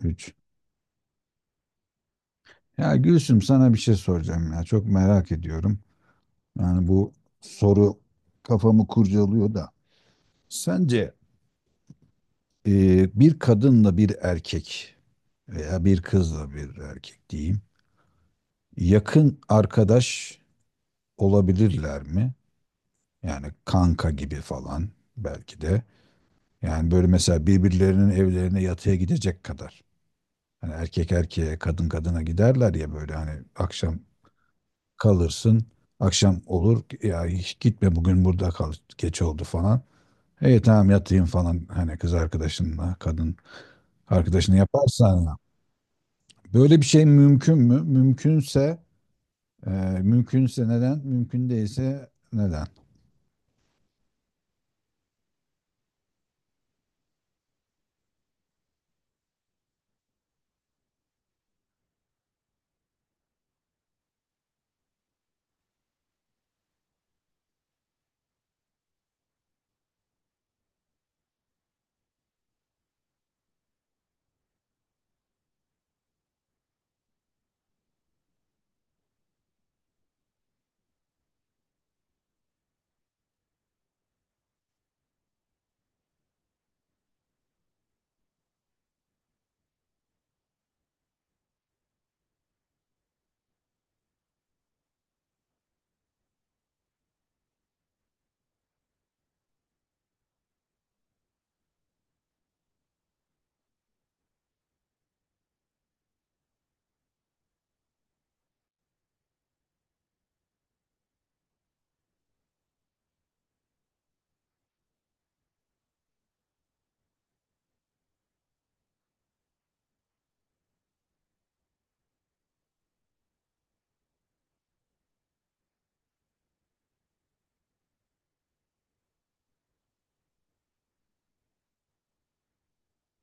Güç. Ya Gülsüm, sana bir şey soracağım ya. Çok merak ediyorum. Yani bu soru kafamı kurcalıyor da. Sence e, bir kadınla bir erkek, veya bir kızla bir erkek diyeyim, yakın arkadaş olabilirler mi? Yani kanka gibi falan belki de. Yani böyle mesela birbirlerinin evlerine yatıya gidecek kadar. Hani erkek erkeğe, kadın kadına giderler ya, böyle hani akşam kalırsın. Akşam olur ya, hiç gitme bugün burada kal, geç oldu falan. E tamam yatayım falan, hani kız arkadaşınla kadın arkadaşını yaparsan ya. Böyle bir şey mümkün mü? Mümkünse e, mümkünse neden? Mümkün değilse neden?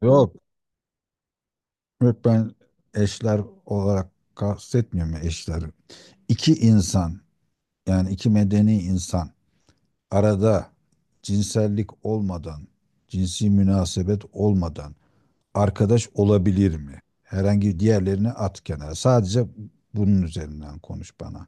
Yok. Yok, ben eşler olarak kastetmiyorum, ya eşler. İki insan, yani iki medeni insan, arada cinsellik olmadan, cinsi münasebet olmadan arkadaş olabilir mi? Herhangi diğerlerini at kenara. Sadece bunun üzerinden konuş bana.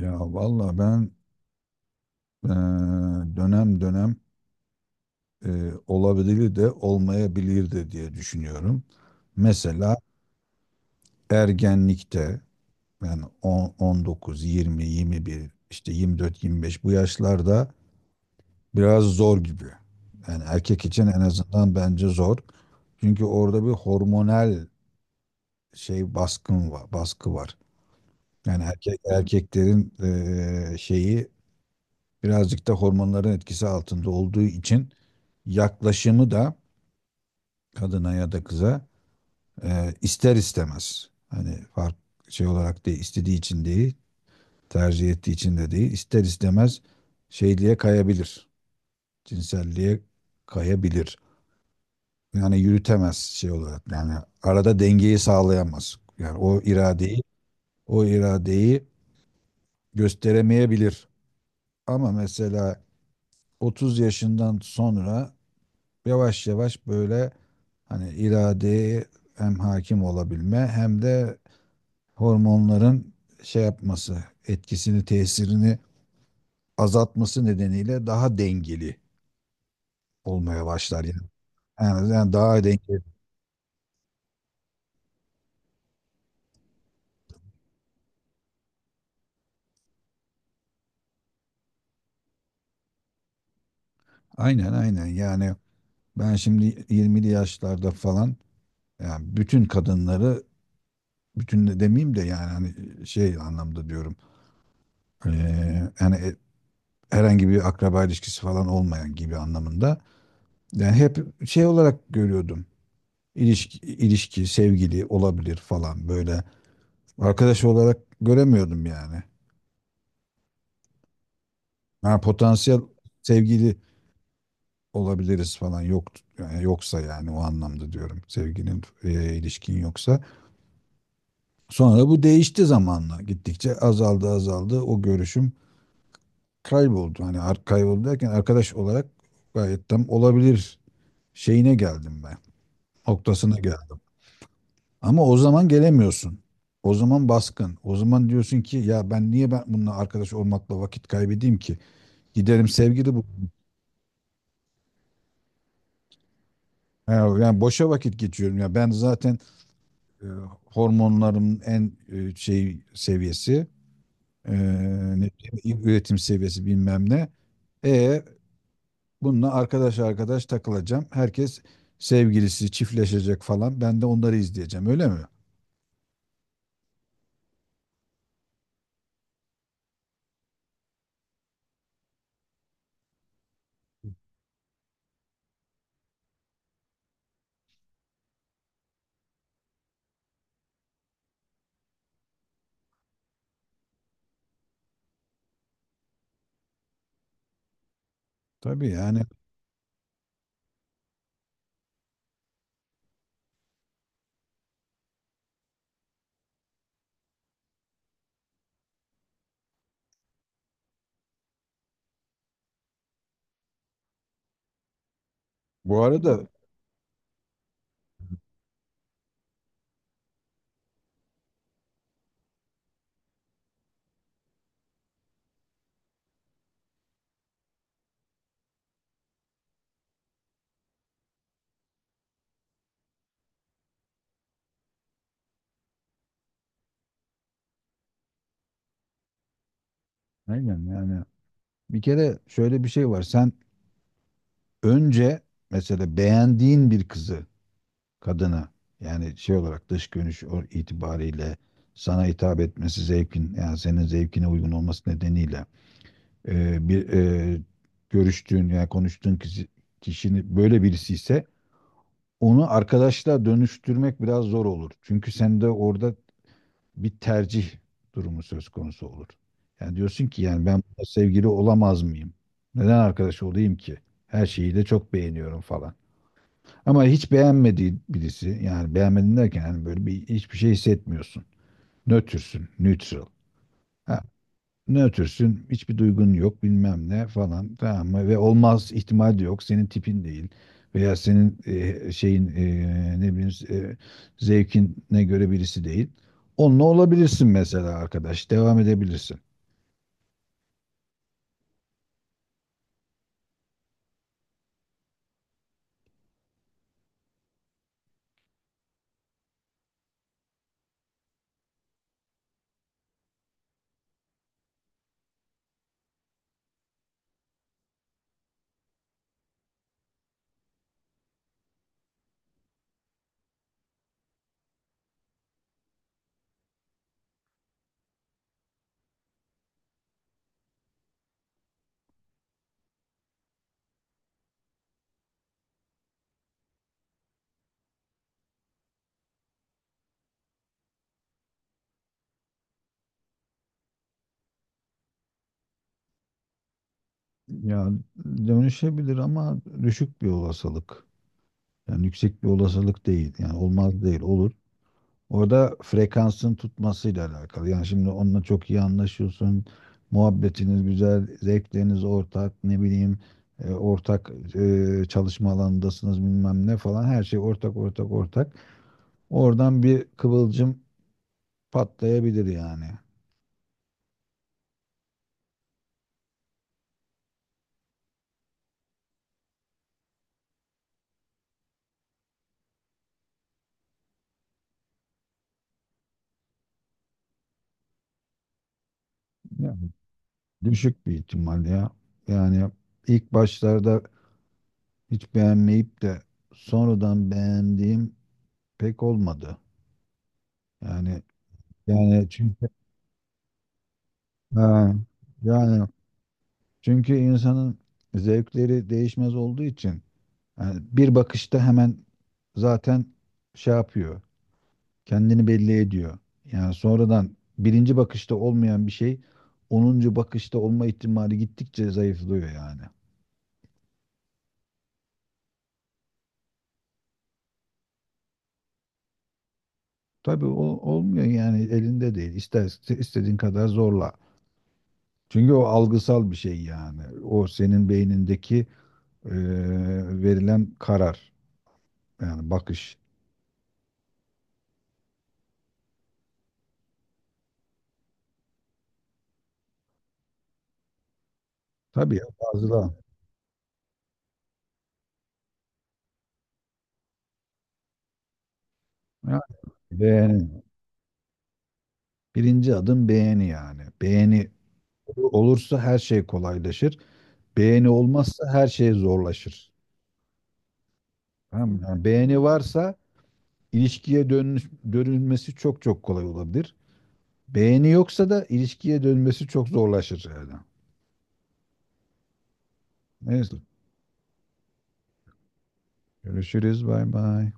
Ya valla ben eee, dönem dönem olabilir de olmayabilir de diye düşünüyorum. Mesela ergenlikte, yani 10, 19, 20, 21, işte 24, 25, bu yaşlarda biraz zor gibi. Yani erkek için en azından bence zor. Çünkü orada bir hormonal şey baskın var, baskı var. Yani erkek erkeklerin şeyi birazcık da hormonların etkisi altında olduğu için yaklaşımı da kadına ya da kıza ister istemez. Hani fark şey olarak değil, istediği için değil, tercih ettiği için de değil, ister istemez şeyliğe kayabilir. Cinselliğe kayabilir. Yani yürütemez şey olarak. Yani arada dengeyi sağlayamaz. Yani o iradeyi, o iradeyi gösteremeyebilir. Ama mesela 30 yaşından sonra yavaş yavaş böyle hani iradeye hem hakim olabilme hem de hormonların şey yapması, etkisini, tesirini azaltması nedeniyle daha dengeli olmaya başlar yani. Yani, daha dengeli. Aynen, yani ben şimdi 20'li yaşlarda falan. Yani bütün kadınları, bütün de demeyeyim de yani hani şey anlamda diyorum. Yani herhangi bir akraba ilişkisi falan olmayan gibi anlamında. Yani hep şey olarak görüyordum. İlişki, sevgili olabilir falan böyle. Arkadaş olarak göremiyordum yani. Ha, potansiyel sevgili olabiliriz falan, yok yani, yoksa yani o anlamda diyorum. Sevginin ilişkin yoksa. Sonra bu değişti zamanla. Gittikçe azaldı, o görüşüm kayboldu. Hani ar- kayboldu derken, arkadaş olarak gayet tam olabilir şeyine geldim ben. Noktasına geldim. Ama o zaman gelemiyorsun. O zaman baskın. O zaman diyorsun ki ya, ben niye bununla arkadaş olmakla vakit kaybedeyim ki? Giderim sevgili bu. Yani boşa vakit geçiyorum ya. Ben zaten e, hormonlarımın en şey seviyesi, e, ne, diyeyim, üretim seviyesi bilmem ne. E, bununla arkadaş takılacağım. Herkes sevgilisi çiftleşecek falan. Ben de onları izleyeceğim, öyle mi? Tabii yani, bu arada, aynen yani. Bir kere şöyle bir şey var. Sen önce mesela beğendiğin bir kızı, kadını, yani şey olarak dış görünüş o- itibariyle sana hitap etmesi, zevkin yani senin zevkine uygun olması nedeniyle, bir görüştüğün yani konuştuğun kişi, kişinin böyle birisi ise, onu arkadaşla dönüştürmek biraz zor olur. Çünkü sende orada bir tercih durumu söz konusu olur. Yani diyorsun ki yani, ben bununla sevgili olamaz mıyım? Neden arkadaş olayım ki? Her şeyi de çok beğeniyorum falan. Ama hiç beğenmediği birisi, yani beğenmedin derken yani böyle bir hiçbir şey hissetmiyorsun. Nötrsün, neutral. Ha, ne ötürsün? Hiçbir duygun yok bilmem ne falan, tamam mı? Ve olmaz, ihtimal de yok. Senin tipin değil. Veya senin şeyin, ne bileyim, zevkine göre birisi değil. Onunla olabilirsin mesela arkadaş. Devam edebilirsin. Ya, dönüşebilir ama düşük bir olasılık. Yani yüksek bir olasılık değil. Yani olmaz değil, olur. Orada frekansın tutmasıyla alakalı. Yani şimdi onunla çok iyi anlaşıyorsun. Muhabbetiniz güzel, zevkleriniz ortak, ne bileyim, ortak çalışma alanındasınız bilmem ne falan. Her şey ortak. Oradan bir kıvılcım patlayabilir yani. Ya, düşük bir ihtimal ya. Yani ilk başlarda hiç beğenmeyip de sonradan beğendiğim pek olmadı. Yani yani çünkü ha, yani, çünkü insanın zevkleri değişmez olduğu için, yani bir bakışta hemen zaten şey yapıyor, kendini belli ediyor. Yani sonradan birinci bakışta olmayan bir şey onuncu bakışta olma ihtimali gittikçe zayıflıyor yani. Tabii o olmuyor yani, elinde değil. İster istediğin kadar zorla. Çünkü o algısal bir şey yani. O senin beynindeki verilen karar, yani bakış. Tabii ya, bazıları yani beğeni. Birinci adım beğeni yani. Beğeni olursa her şey kolaylaşır. Beğeni olmazsa her şey zorlaşır. Tamam mı? Yani beğeni varsa, ilişkiye dönüş, dönülmesi çok kolay olabilir. Beğeni yoksa da ilişkiye dönmesi çok zorlaşır yani. Neyse. Görüşürüz. Bay bay.